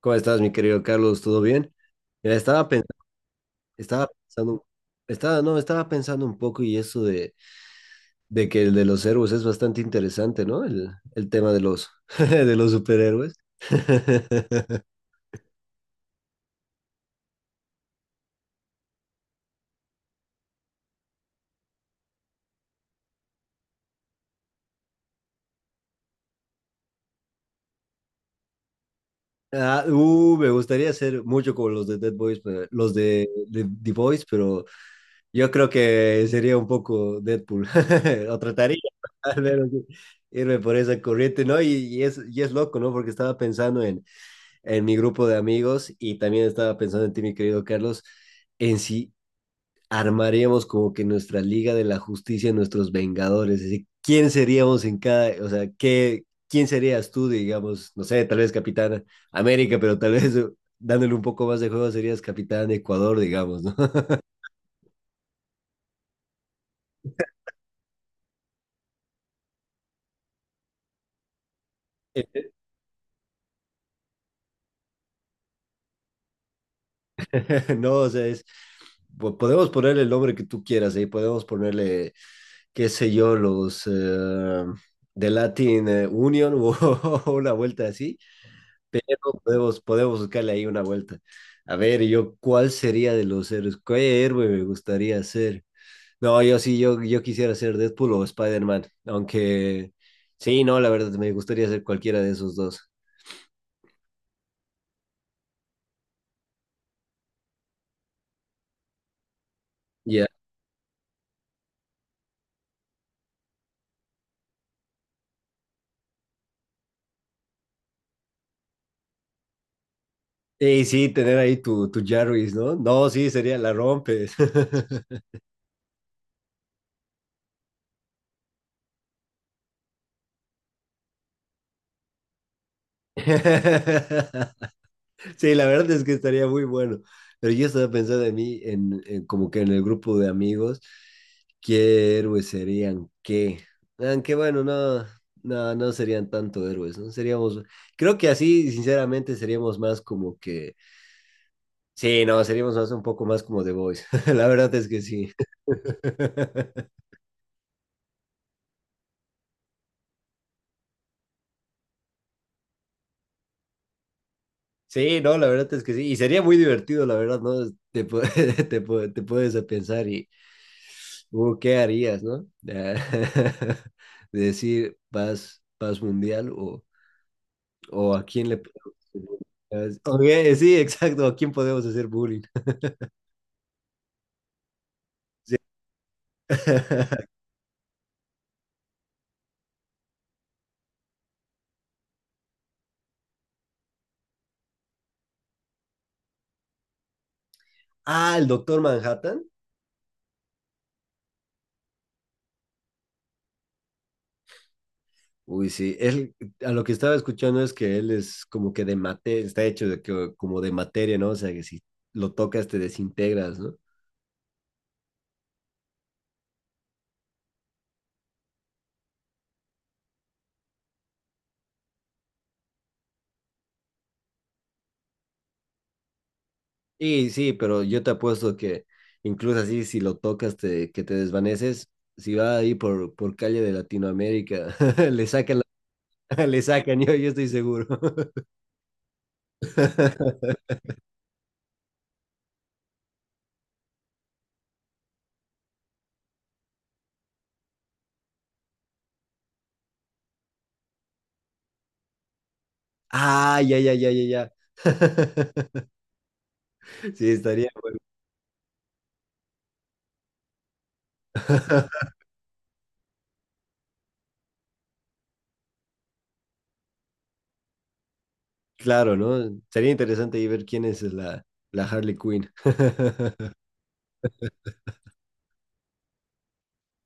¿Cómo estás, mi querido Carlos? ¿Todo bien? Mira, estaba pensando, estaba pensando, estaba, no, estaba pensando un poco y eso de que el de los héroes es bastante interesante, ¿no? El tema de los, de los superhéroes. Me gustaría ser mucho como los de Dead Boys, pero- los de The Boys, pero yo creo que sería un poco Deadpool. O trataría, al menos, de irme por esa corriente, ¿no? Y es loco, ¿no? Porque estaba pensando en mi grupo de amigos y también estaba pensando en ti, mi querido Carlos, en si armaríamos como que nuestra Liga de la Justicia, nuestros Vengadores, es decir, quién seríamos en cada, o sea, qué, quién serías tú, digamos, no sé, tal vez Capitán América, pero tal vez dándole un poco más de juego serías Capitán Ecuador, digamos, ¿no? No, o sea, es... Podemos ponerle el nombre que tú quieras, ahí podemos ponerle, qué sé yo, los de Latin Union o una vuelta así. Pero podemos buscarle ahí una vuelta. A ver, yo, ¿cuál sería de los héroes? ¿Qué héroe me gustaría ser? No, yo sí, yo quisiera ser Deadpool o Spider-Man. Aunque, sí, no, la verdad, me gustaría ser cualquiera de esos dos. Ya. Y sí, tener ahí tu Jarvis, ¿no? No, sí, sería la rompes. Sí, la verdad es que estaría muy bueno. Pero yo estaba pensando en mí, en como que en el grupo de amigos, ¿qué héroes serían qué? Aunque bueno, no, no serían tanto héroes, ¿no? Seríamos, creo que así, sinceramente, seríamos más como que, sí, no, seríamos más un poco más como The Boys. La verdad es que sí. Sí, no, la verdad es que sí. Y sería muy divertido, la verdad, ¿no? Te puedes a pensar y, ¿qué harías, no? Decir paz, paz mundial o a quién le podemos hacer bullying. Ok, sí, exacto, a quién podemos hacer bullying. Sí. Ah, el doctor Manhattan. Uy, sí, él, a lo que estaba escuchando es que él es como que de mate, está hecho de que, como de materia, ¿no? O sea, que si lo tocas te desintegras, ¿no? Sí, sí, pero yo te apuesto que incluso así, si lo tocas, que te desvaneces, si va ahí por calle de Latinoamérica, le sacan, le sacan, yo estoy seguro. Ah, ya, ya, ya, ya, ya. Sí, estaría bueno. Claro, ¿no? Sería interesante ahí ver quién es la, la Harley Quinn.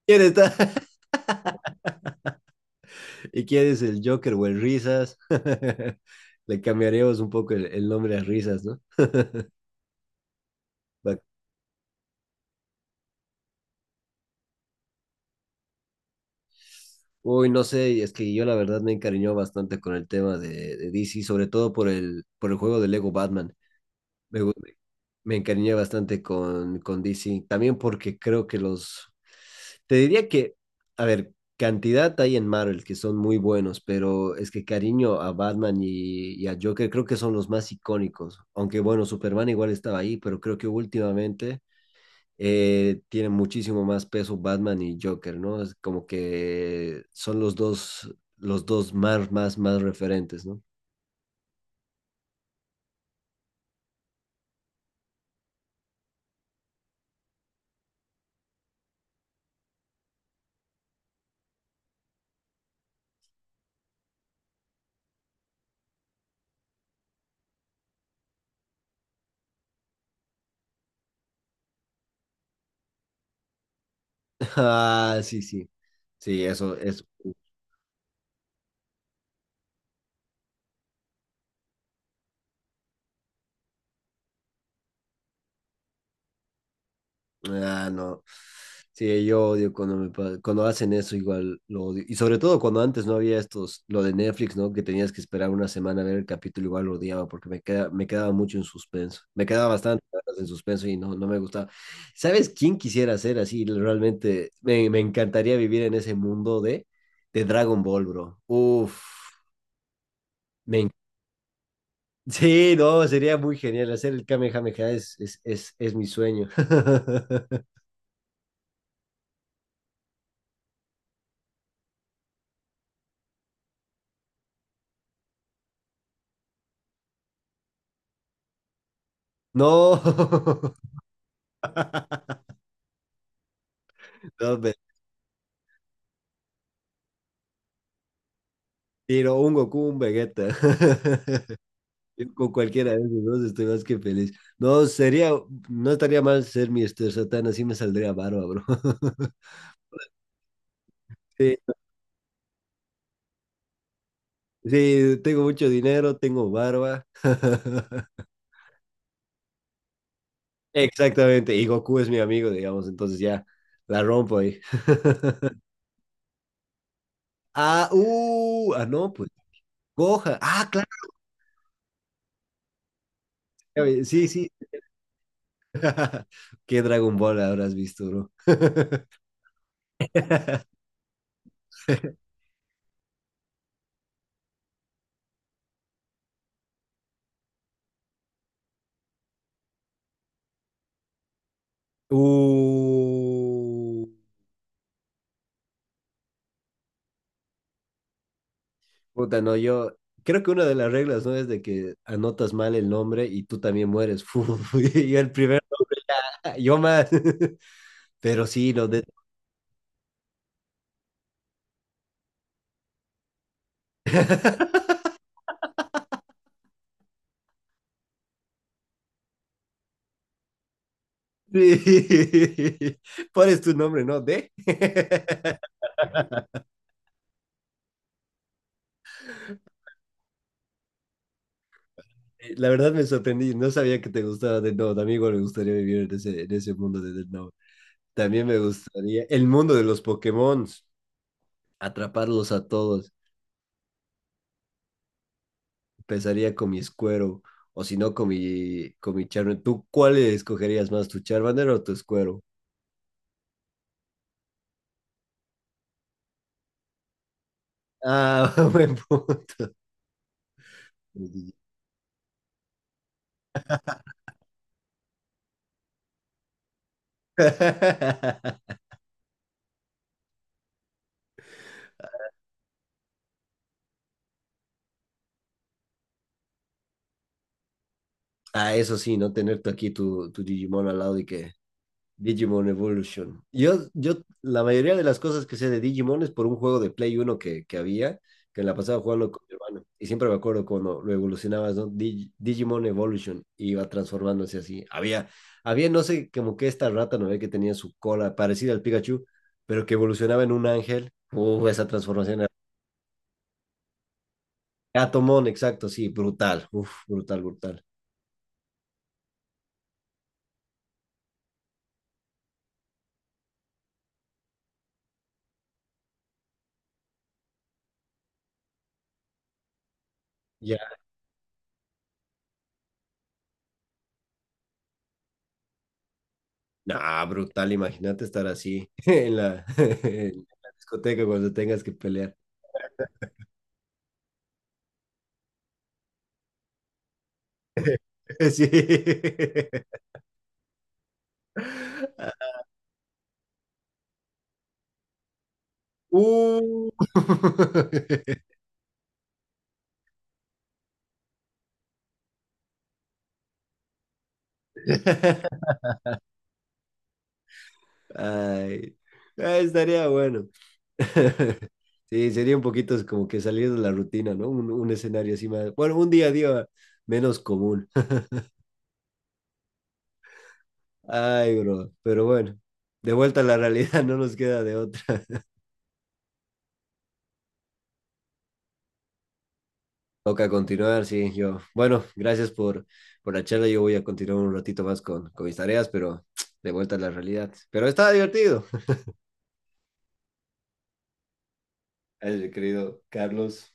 ¿Quién está? ¿Y quién es el Joker o el Risas? Le cambiaremos un poco el nombre a Risas, ¿no? Uy, no sé, es que yo la verdad me encariñó bastante con el tema de DC, sobre todo por por el juego de Lego Batman. Me, gu- Me encariñé bastante con DC, también porque creo que los... Te diría que, a ver, cantidad hay en Marvel que son muy buenos, pero es que cariño a Batman y a Joker creo que son los más icónicos. Aunque bueno, Superman igual estaba ahí, pero creo que últimamente tienen muchísimo más peso Batman y Joker, ¿no? Es como que son los dos más, más, más referentes, ¿no? Ah, sí, sí. Sí, eso es. Ah, no. Sí, yo odio cuando cuando hacen eso, igual lo odio. Y sobre todo cuando antes no había estos, lo de Netflix, ¿no? Que tenías que esperar una semana a ver el capítulo, igual lo odiaba porque me quedaba mucho en suspenso. Me quedaba bastante en suspenso y no, no me gustaba. ¿Sabes quién quisiera ser así? Realmente me encantaría vivir en ese mundo de Dragon Ball, bro. Uf, me en- Sí, no, sería muy genial. Hacer el Kamehameha es mi sueño. No. No, mentira un Goku, un Vegeta. Yo con cualquiera de esos dos estoy más que feliz. No, sería, no estaría mal ser Mr. Satan, así me saldría barba, bro. Sí, sí, tengo mucho dinero, tengo barba. Exactamente, y Goku es mi amigo, digamos, entonces ya la rompo ahí. No, pues Gohan. Ah, claro, ya vi, sí, sí. ¿Qué Dragon Ball habrás visto, bro? Uh, puta, no, yo creo que una de las reglas, ¿no? Es de que anotas mal el nombre y tú también mueres. Fu, fu, y el primero, yo más. Pero sí, no, de... Pones tu nombre, ¿no? De... La verdad me sorprendí, no sabía que te gustaba de no, amigo, me gustaría vivir en ese mundo de Death Note. También me gustaría el mundo de los Pokémon, atraparlos a todos. Empezaría con mi Squero o si no con mi, con mi Charmander. ¿Tú cuál escogerías más, tu Charmander o tu Squero? Ah, buen punto. Ah, eso sí, no tener tú aquí tu, tu Digimon al lado y que Digimon Evolution. La mayoría de las cosas que sé de Digimon es por un juego de Play Uno que había, que la pasaba jugando con mi hermano. Y siempre me acuerdo cuando lo evolucionabas, ¿no? Digimon Evolution iba transformándose así. Había, no sé, como que esta rata, ¿no? ve Que tenía su cola parecida al Pikachu, pero que evolucionaba en un ángel. Uf, esa transformación. Era- Gatomon, exacto, sí, brutal. Uf, brutal, brutal. Ya. Nah, brutal, imagínate estar así en la, en la discoteca cuando tengas que pelear. Sí. Uh. Ay. Ah, estaría bueno. Sí, sería un poquito como que salir de la rutina, ¿no? Un escenario así más. Bueno, un día a día menos común. Ay, bro. Pero bueno, de vuelta a la realidad, no nos queda de otra. Toca continuar, sí, yo. Bueno, gracias por la charla. Yo voy a continuar un ratito más con mis tareas, pero de vuelta a la realidad. Pero estaba divertido. El querido Carlos